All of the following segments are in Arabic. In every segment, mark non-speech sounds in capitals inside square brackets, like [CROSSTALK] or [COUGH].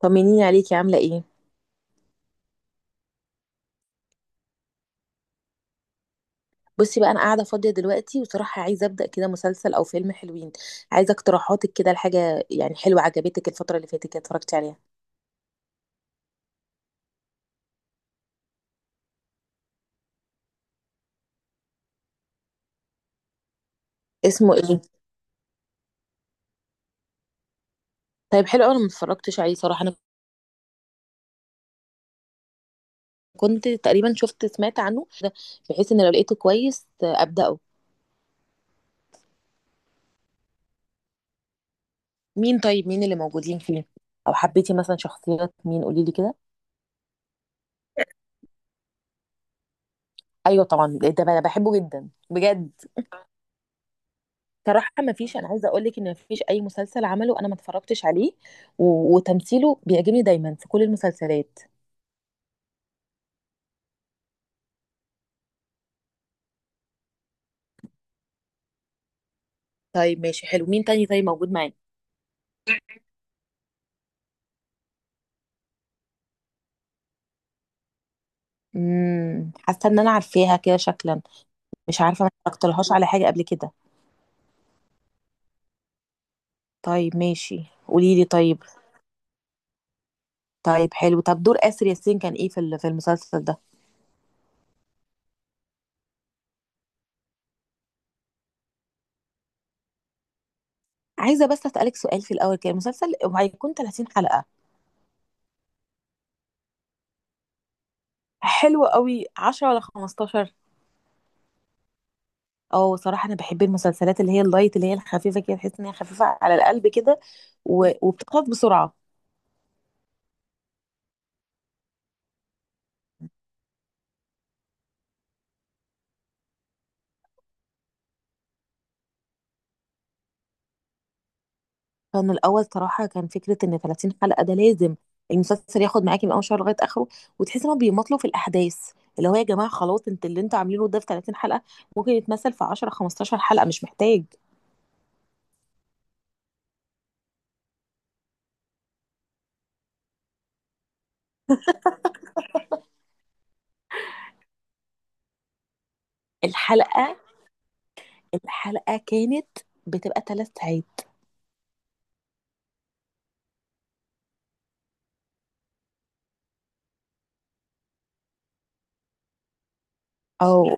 طمنيني عليكي عاملة ايه؟ بصي بقى انا قاعدة فاضية دلوقتي، وصراحة عايزة ابدأ كده مسلسل او فيلم حلوين. عايزة اقتراحاتك كده لحاجة يعني حلوة عجبتك الفترة اللي فاتت كده، اتفرجتي عليها؟ اسمه ايه؟ طيب حلو أوي، انا ما اتفرجتش عليه صراحة. انا كنت تقريبا شفت سمعت عنه، بحيث ان لو لقيته كويس ابدأه. مين طيب، مين اللي موجودين فيه؟ او حبيتي مثلا شخصيات مين، قولي لي كده؟ ايوه طبعا ده بقى انا بحبه جدا بجد. صراحة ما فيش، أنا عايزة أقول لك إن ما فيش أي مسلسل عمله أنا ما اتفرجتش عليه. وتمثيله بيعجبني دايما في كل المسلسلات. طيب ماشي حلو، مين تاني طيب موجود معانا؟ حاسة إن أنا عارفاها كده شكلا، مش عارفة، ما اتفرجتلهاش على حاجة قبل كده. طيب ماشي. قولي لي طيب. طيب حلو، طب دور آسر ياسين كان إيه في المسلسل ده؟ عايزة بس أسألك سؤال في الأول، كده المسلسل هيكون 30 حلقة؟ حلو قوي، 10 ولا 15؟ اه، صراحة انا بحب المسلسلات اللي هي اللايت، اللي هي الخفيفة كده، تحس ان هي خفيفة على القلب كده وبتخلص بسرعة. كان الاول صراحة كان فكرة ان 30 حلقة ده لازم المسلسل ياخد معاكي من اول شهر لغاية اخره، وتحس انهم بيمطلوا في الاحداث، اللي هو يا جماعة خلاص انت اللي انتوا عاملينه ده في 30 حلقة، ممكن يتمثل في 10 15 حلقة، مش محتاج. الحلقة، الحلقة كانت بتبقى 3 ساعات. اه.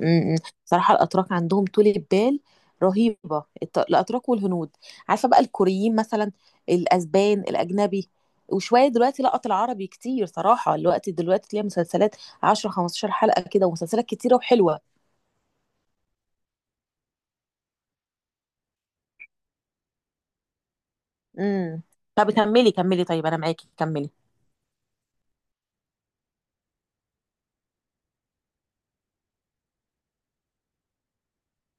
امم امم. صراحة الأتراك عندهم طولة بال رهيبة، الأتراك والهنود، عارفة بقى الكوريين مثلا، الأسبان، الأجنبي. وشوية دلوقتي لقط العربي كتير صراحة، الوقت دلوقتي تلاقي مسلسلات 10 15 حلقة كده، ومسلسلات كتيرة وحلوة. امم طب كملي كملي طيب، أنا معاكي، كملي.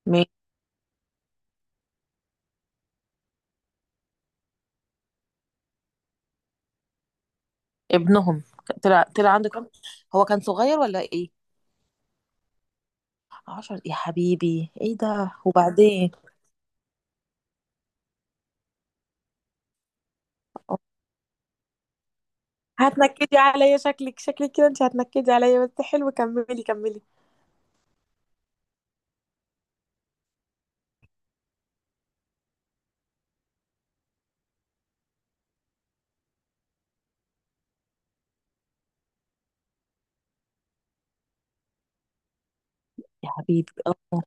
م- ابنهم طلع عنده كام، هو كان صغير ولا إيه؟ 10؟ يا حبيبي إيه ده، وبعدين؟ هتنكدي عليا، شكلك شكلك كده انت هتنكدي عليا، بس حلو كملي كملي. يا حبيبي اه.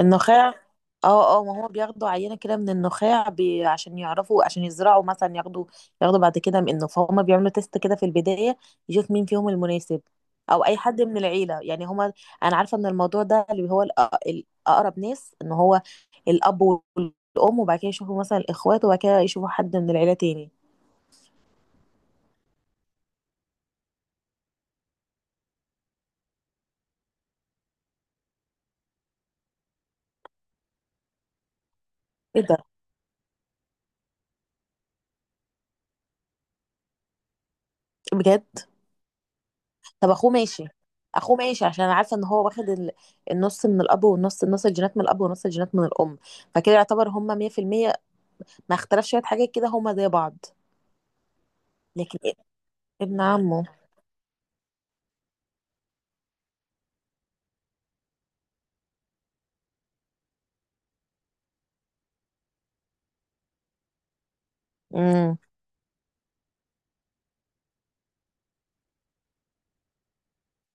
النخاع. اه اه، ما هو بياخدوا عينة كده من النخاع عشان يعرفوا، عشان يزرعوا مثلا ياخدوا، ياخدوا بعد كده منه، فهم بيعملوا تيست كده في البداية يشوف مين فيهم المناسب. او اي حد من العيلة يعني، هما انا عارفة ان الموضوع ده اللي هو الاقرب ناس ان هو الاب والام، وبعد كده يشوفوا مثلا الاخوات، وبعد كده يشوفوا حد من العيلة تاني. ايه ده، بجد؟ طب اخوه ماشي. اخوه ماشي عشان انا عارفه ان هو واخد النص من الاب، والنص نص الجينات من الاب ونص الجينات من الام، فكده يعتبر هما 100%، ما اختلف شويه حاجات كده، هما زي بعض. لكن إيه؟ ابن عمه؟ امم.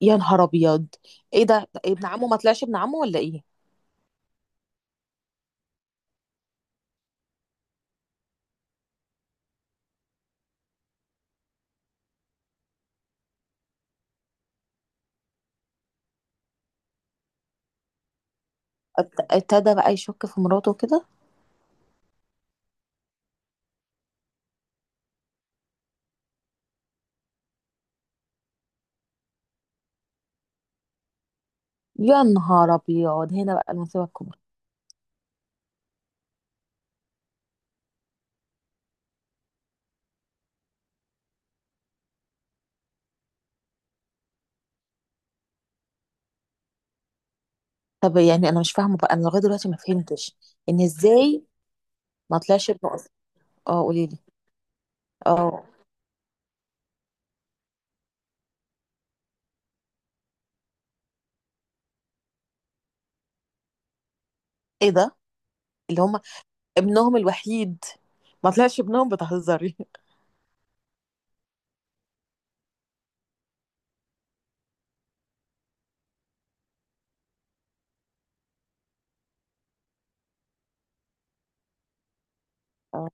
يا نهار ابيض، ايه ده؟ ابن عمه ما طلعش ابن عمه ولا ايه؟ ابتدى بقى يشك في مراته كده. يا نهار ابيض، هنا بقى المصيبه الكبرى. طب يعني انا مش فاهمه بقى، انا لغايه دلوقتي ما فهمتش، ان ازاي ما طلعش ابنه اصلا؟ اه، قولي لي. اه، ايه ده؟ اللي هما ابنهم الوحيد ما طلعش ابنهم؟ بتهزري؟ [LAUGHS] اه.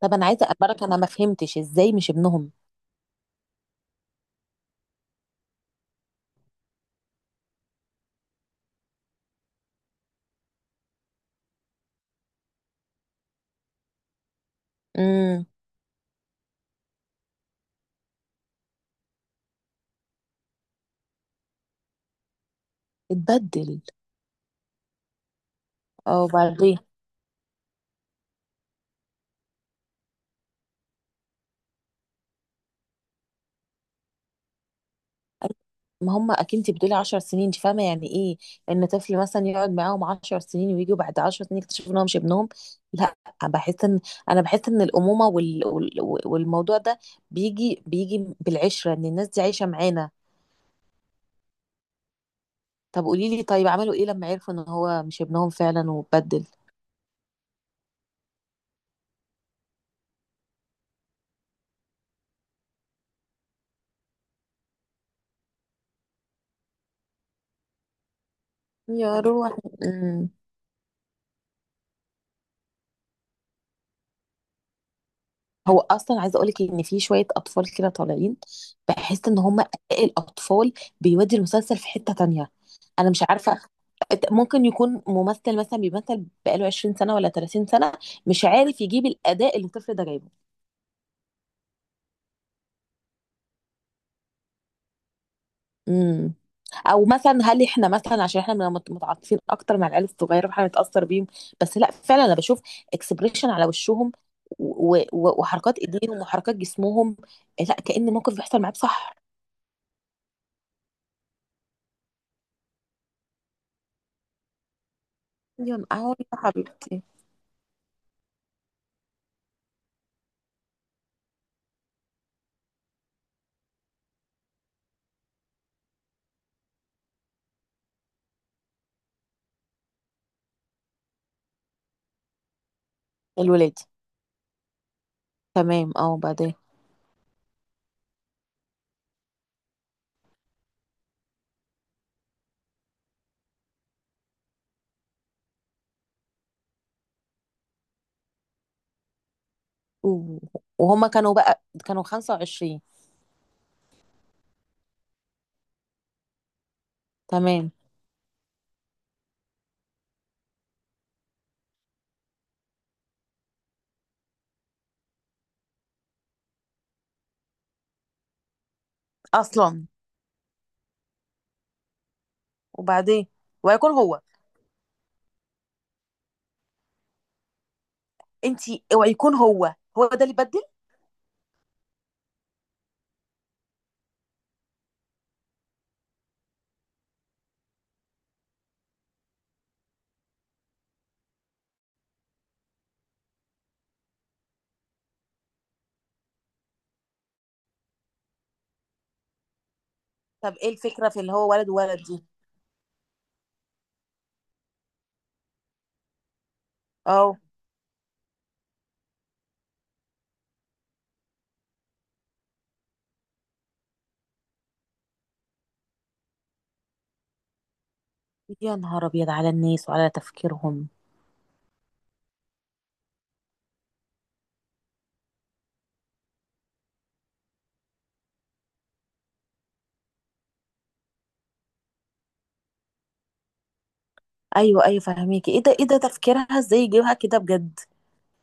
طب انا عايزه اخبرك، انا ما فهمتش ازاي مش ابنهم. امم. اتبدل؟ اه، وبعدين؟ ما هم اكيد، انت بتقولي 10 سنين، انت فاهمه يعني ايه ان طفل مثلا يقعد معاهم 10 سنين، ويجوا بعد 10 سنين يكتشفوا ان هو مش ابنهم؟ لا، بحس ان، انا بحس ان الامومه والموضوع ده بيجي بيجي بالعشره، ان الناس دي عايشه معانا. طب قولي لي طيب، عملوا ايه لما عرفوا ان هو مش ابنهم فعلا واتبدل؟ يا روح. هو اصلا عايزه اقولك ان في شويه اطفال كده طالعين، بحس ان هم الاطفال بيودي المسلسل في حته تانية. انا مش عارفه، ممكن يكون ممثل مثلا بيمثل بقاله 20 سنه ولا 30 سنه، مش عارف يجيب الاداء اللي الطفل ده جايبه. امم او مثلا هل احنا مثلا عشان احنا بنبقى متعاطفين اكتر مع العيال الصغيره فاحنا نتاثر بيهم؟ بس لا فعلا انا بشوف اكسبريشن على وشهم وحركات ايديهم وحركات جسمهم، لا كأن موقف بيحصل معاه بصح. يا نهار يا حبيبتي. الولادي، تمام، اه، وبعدين؟ و- وهما كانوا بقى كانوا 25. تمام. اصلا؟ وبعدين؟ ويكون هو؟ انتي اوعي يكون هو، هو ده اللي بدل؟ طب ايه الفكره في اللي هو ولد وولد دي؟ اه. يا نهار ابيض على الناس وعلى تفكيرهم. ايوه ايوه، فهميكي. ايه ده، ايه ده تفكيرها ازاي يجيبها كده بجد؟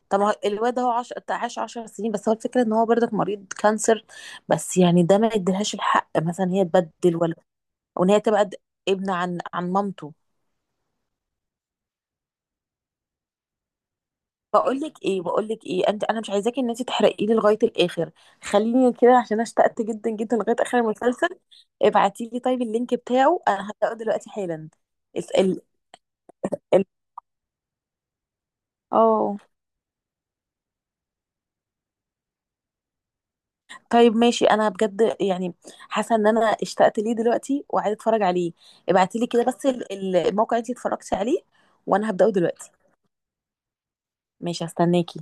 طب ما هو الواد ده هو عاش 10 سنين بس، هو الفكره ان هو برضك مريض كانسر، بس يعني ده ما يديلهاش الحق مثلا هي تبدل. ولا وان هي تبقى ابن عن مامته. بقول لك ايه، بقول لك ايه انت، انا مش عايزاكي ان انت تحرقي لي لغايه الاخر، خليني كده عشان اشتقت جدا جدا لغايه اخر المسلسل. ابعتي لي طيب اللينك بتاعه، انا هبداه دلوقتي حالا. اسال. ال- اه، طيب ماشي انا بجد يعني، حاسه ان انا اشتقت ليه دلوقتي وعايزه اتفرج عليه. ابعتي لي كده بس الموقع اللي انت اتفرجتي عليه، وانا هبداه دلوقتي. ماشي هستناكي.